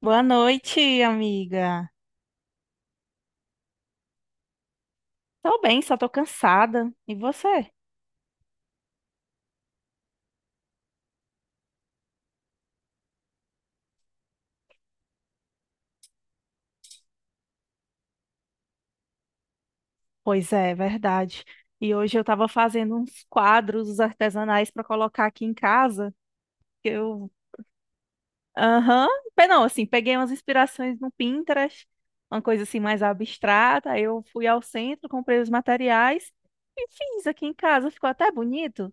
Boa noite, amiga. Tô bem, só tô cansada. E você? Pois é, verdade. E hoje eu tava fazendo uns quadros artesanais pra colocar aqui em casa. Que Eu, aham, Pe- não, assim, peguei umas inspirações no Pinterest, uma coisa assim mais abstrata. Aí eu fui ao centro, comprei os materiais e fiz aqui em casa. Ficou até bonito.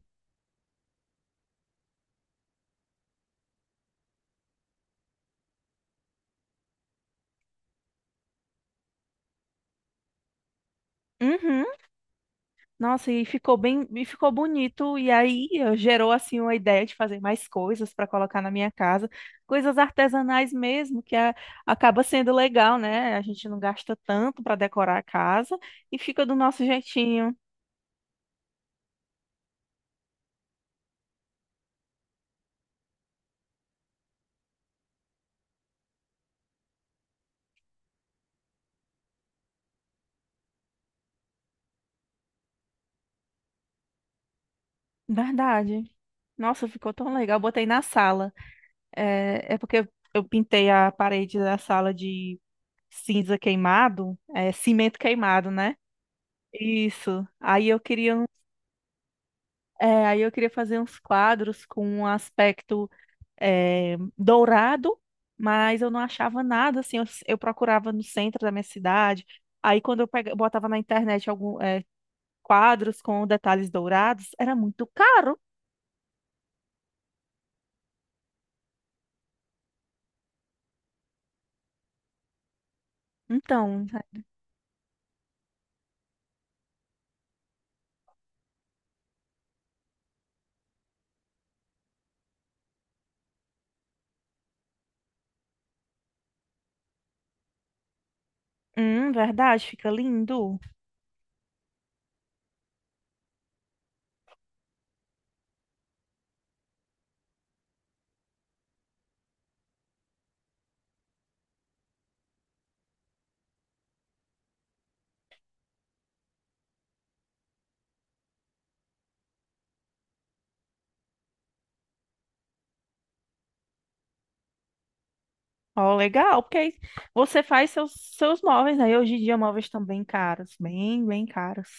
Uhum. Nossa, e ficou bem, e ficou bonito, e aí gerou assim uma ideia de fazer mais coisas para colocar na minha casa, coisas artesanais mesmo, acaba sendo legal, né? A gente não gasta tanto para decorar a casa e fica do nosso jeitinho. Verdade. Nossa, ficou tão legal. Eu botei na sala. É, é porque eu pintei a parede da sala de cinza queimado, é, cimento queimado, né? Isso. Aí eu queria fazer uns quadros com um aspecto dourado, mas eu não achava nada, assim, eu procurava no centro da minha cidade, aí quando eu botava na internet algum quadros com detalhes dourados, era muito caro. Então, verdade, fica lindo. Ó, legal, porque aí você faz seus móveis, né? E hoje em dia móveis estão bem caros, bem caros.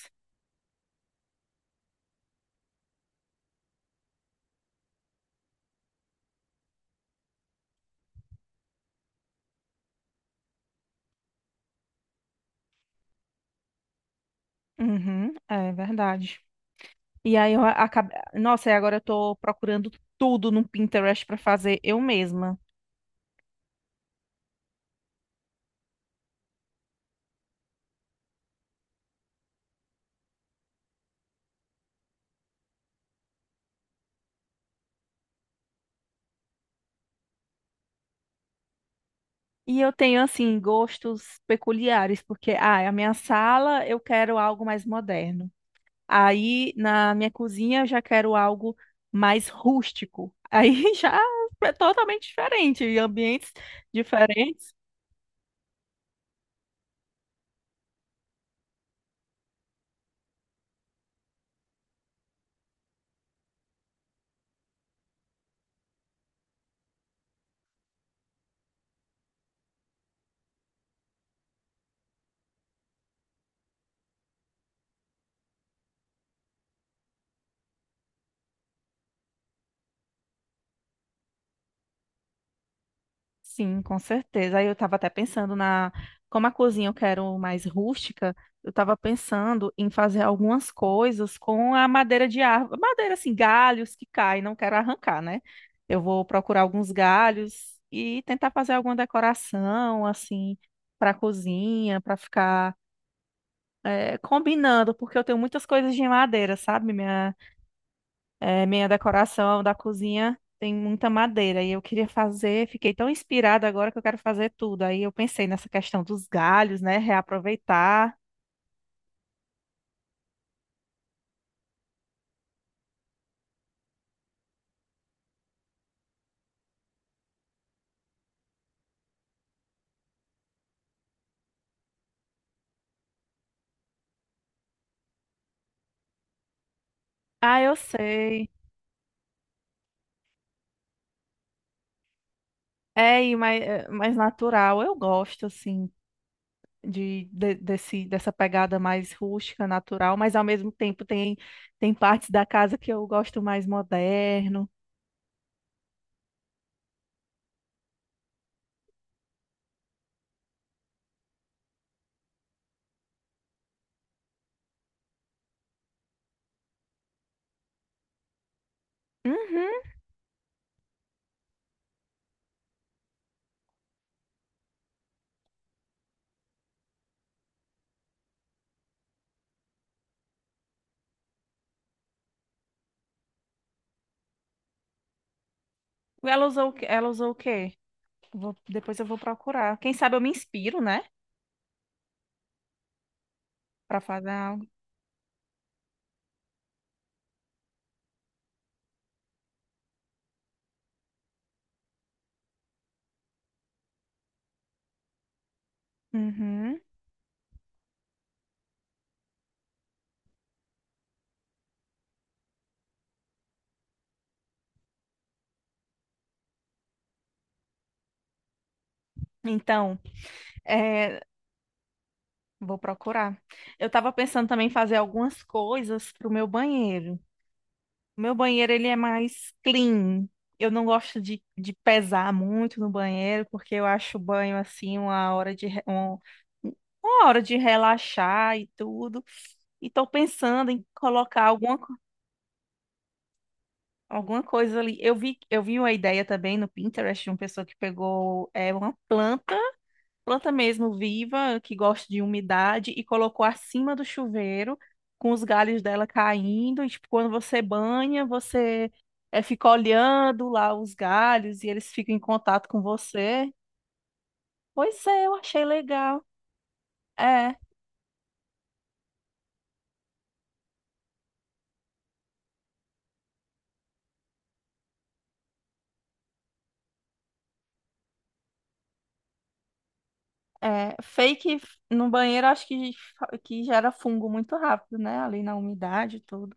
Uhum, é verdade. E aí eu acabei. Nossa, e agora eu tô procurando tudo no Pinterest pra fazer eu mesma. E eu tenho, assim, gostos peculiares, porque, ah, a minha sala eu quero algo mais moderno. Aí, na minha cozinha, eu já quero algo mais rústico. Aí já é totalmente diferente, e ambientes diferentes. Sim, com certeza. Aí eu estava até pensando na, Como a cozinha eu quero mais rústica, eu estava pensando em fazer algumas coisas com a madeira de árvore, madeira assim, galhos que caem, não quero arrancar, né? Eu vou procurar alguns galhos e tentar fazer alguma decoração assim para a cozinha, para ficar combinando, porque eu tenho muitas coisas de madeira, sabe? É, minha decoração da cozinha tem muita madeira e eu queria fazer, fiquei tão inspirada agora que eu quero fazer tudo. Aí eu pensei nessa questão dos galhos, né? Reaproveitar. Ah, eu sei. É, e mais, é, mais natural. Eu gosto, assim, desse, dessa pegada mais rústica, natural, mas ao mesmo tempo tem partes da casa que eu gosto mais moderno. Uhum. Ela usou, ela usou o quê? Depois eu vou procurar. Quem sabe eu me inspiro, né? Pra fazer algo. Uhum. Então, é, vou procurar. Eu estava pensando também em fazer algumas coisas pro meu banheiro. O meu banheiro, ele é mais clean. Eu não gosto de pesar muito no banheiro, porque eu acho o banho, assim, uma hora de relaxar e tudo. E tô pensando em colocar alguma coisa ali. Eu vi uma ideia também no Pinterest de uma pessoa que pegou uma planta mesmo viva, que gosta de umidade, e colocou acima do chuveiro, com os galhos dela caindo. E, tipo, quando você banha, você fica olhando lá os galhos e eles ficam em contato com você. Pois é, eu achei legal. É, é. Fake no banheiro, acho que gera fungo muito rápido, né? Ali na umidade e tudo.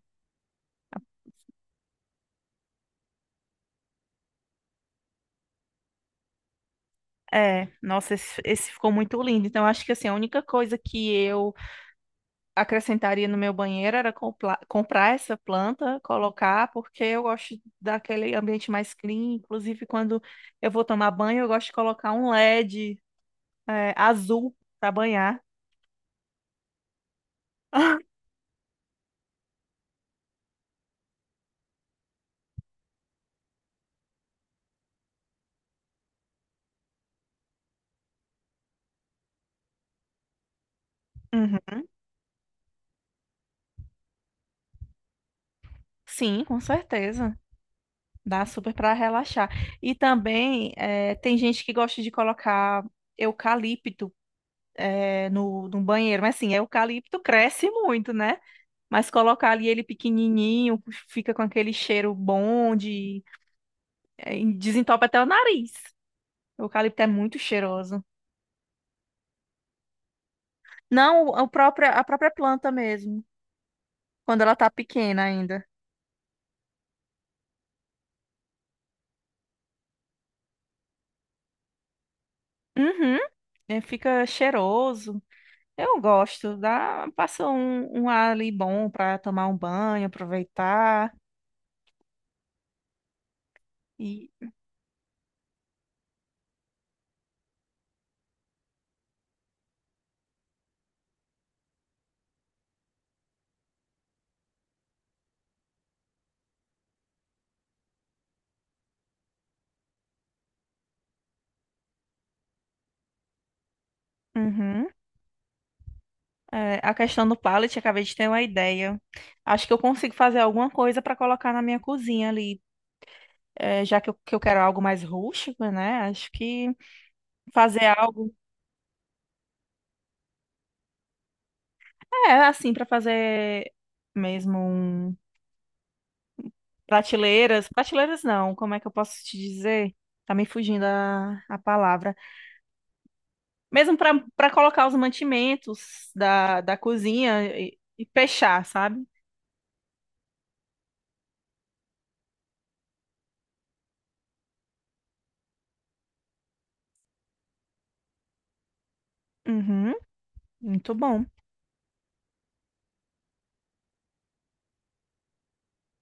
É, nossa, esse ficou muito lindo. Então, acho que assim, a única coisa que eu acrescentaria no meu banheiro era comprar essa planta, colocar, porque eu gosto daquele ambiente mais clean. Inclusive, quando eu vou tomar banho, eu gosto de colocar um LED, é, azul para banhar. Uhum. Sim, com certeza. Dá super para relaxar. E também tem gente que gosta de colocar eucalipto no banheiro. Mas assim, eucalipto cresce muito, né? Mas colocar ali ele pequenininho, fica com aquele cheiro bom de É, desentope até o nariz. O eucalipto é muito cheiroso. Não, a própria planta mesmo, quando ela tá pequena ainda. Uhum. É, fica cheiroso. Eu gosto, dá, passa um, um ar ali bom pra tomar um banho, aproveitar. E uhum. É, a questão do pallet, acabei de ter uma ideia. Acho que eu consigo fazer alguma coisa pra colocar na minha cozinha ali. É, já que eu quero algo mais rústico, né? Acho que fazer algo, é, assim, pra fazer mesmo um... prateleiras. Prateleiras não, como é que eu posso te dizer? Tá me fugindo a palavra. Mesmo pra para colocar os mantimentos da cozinha e fechar, sabe? Uhum, muito bom.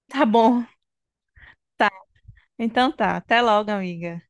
Tá bom, tá. Então tá. Até logo, amiga.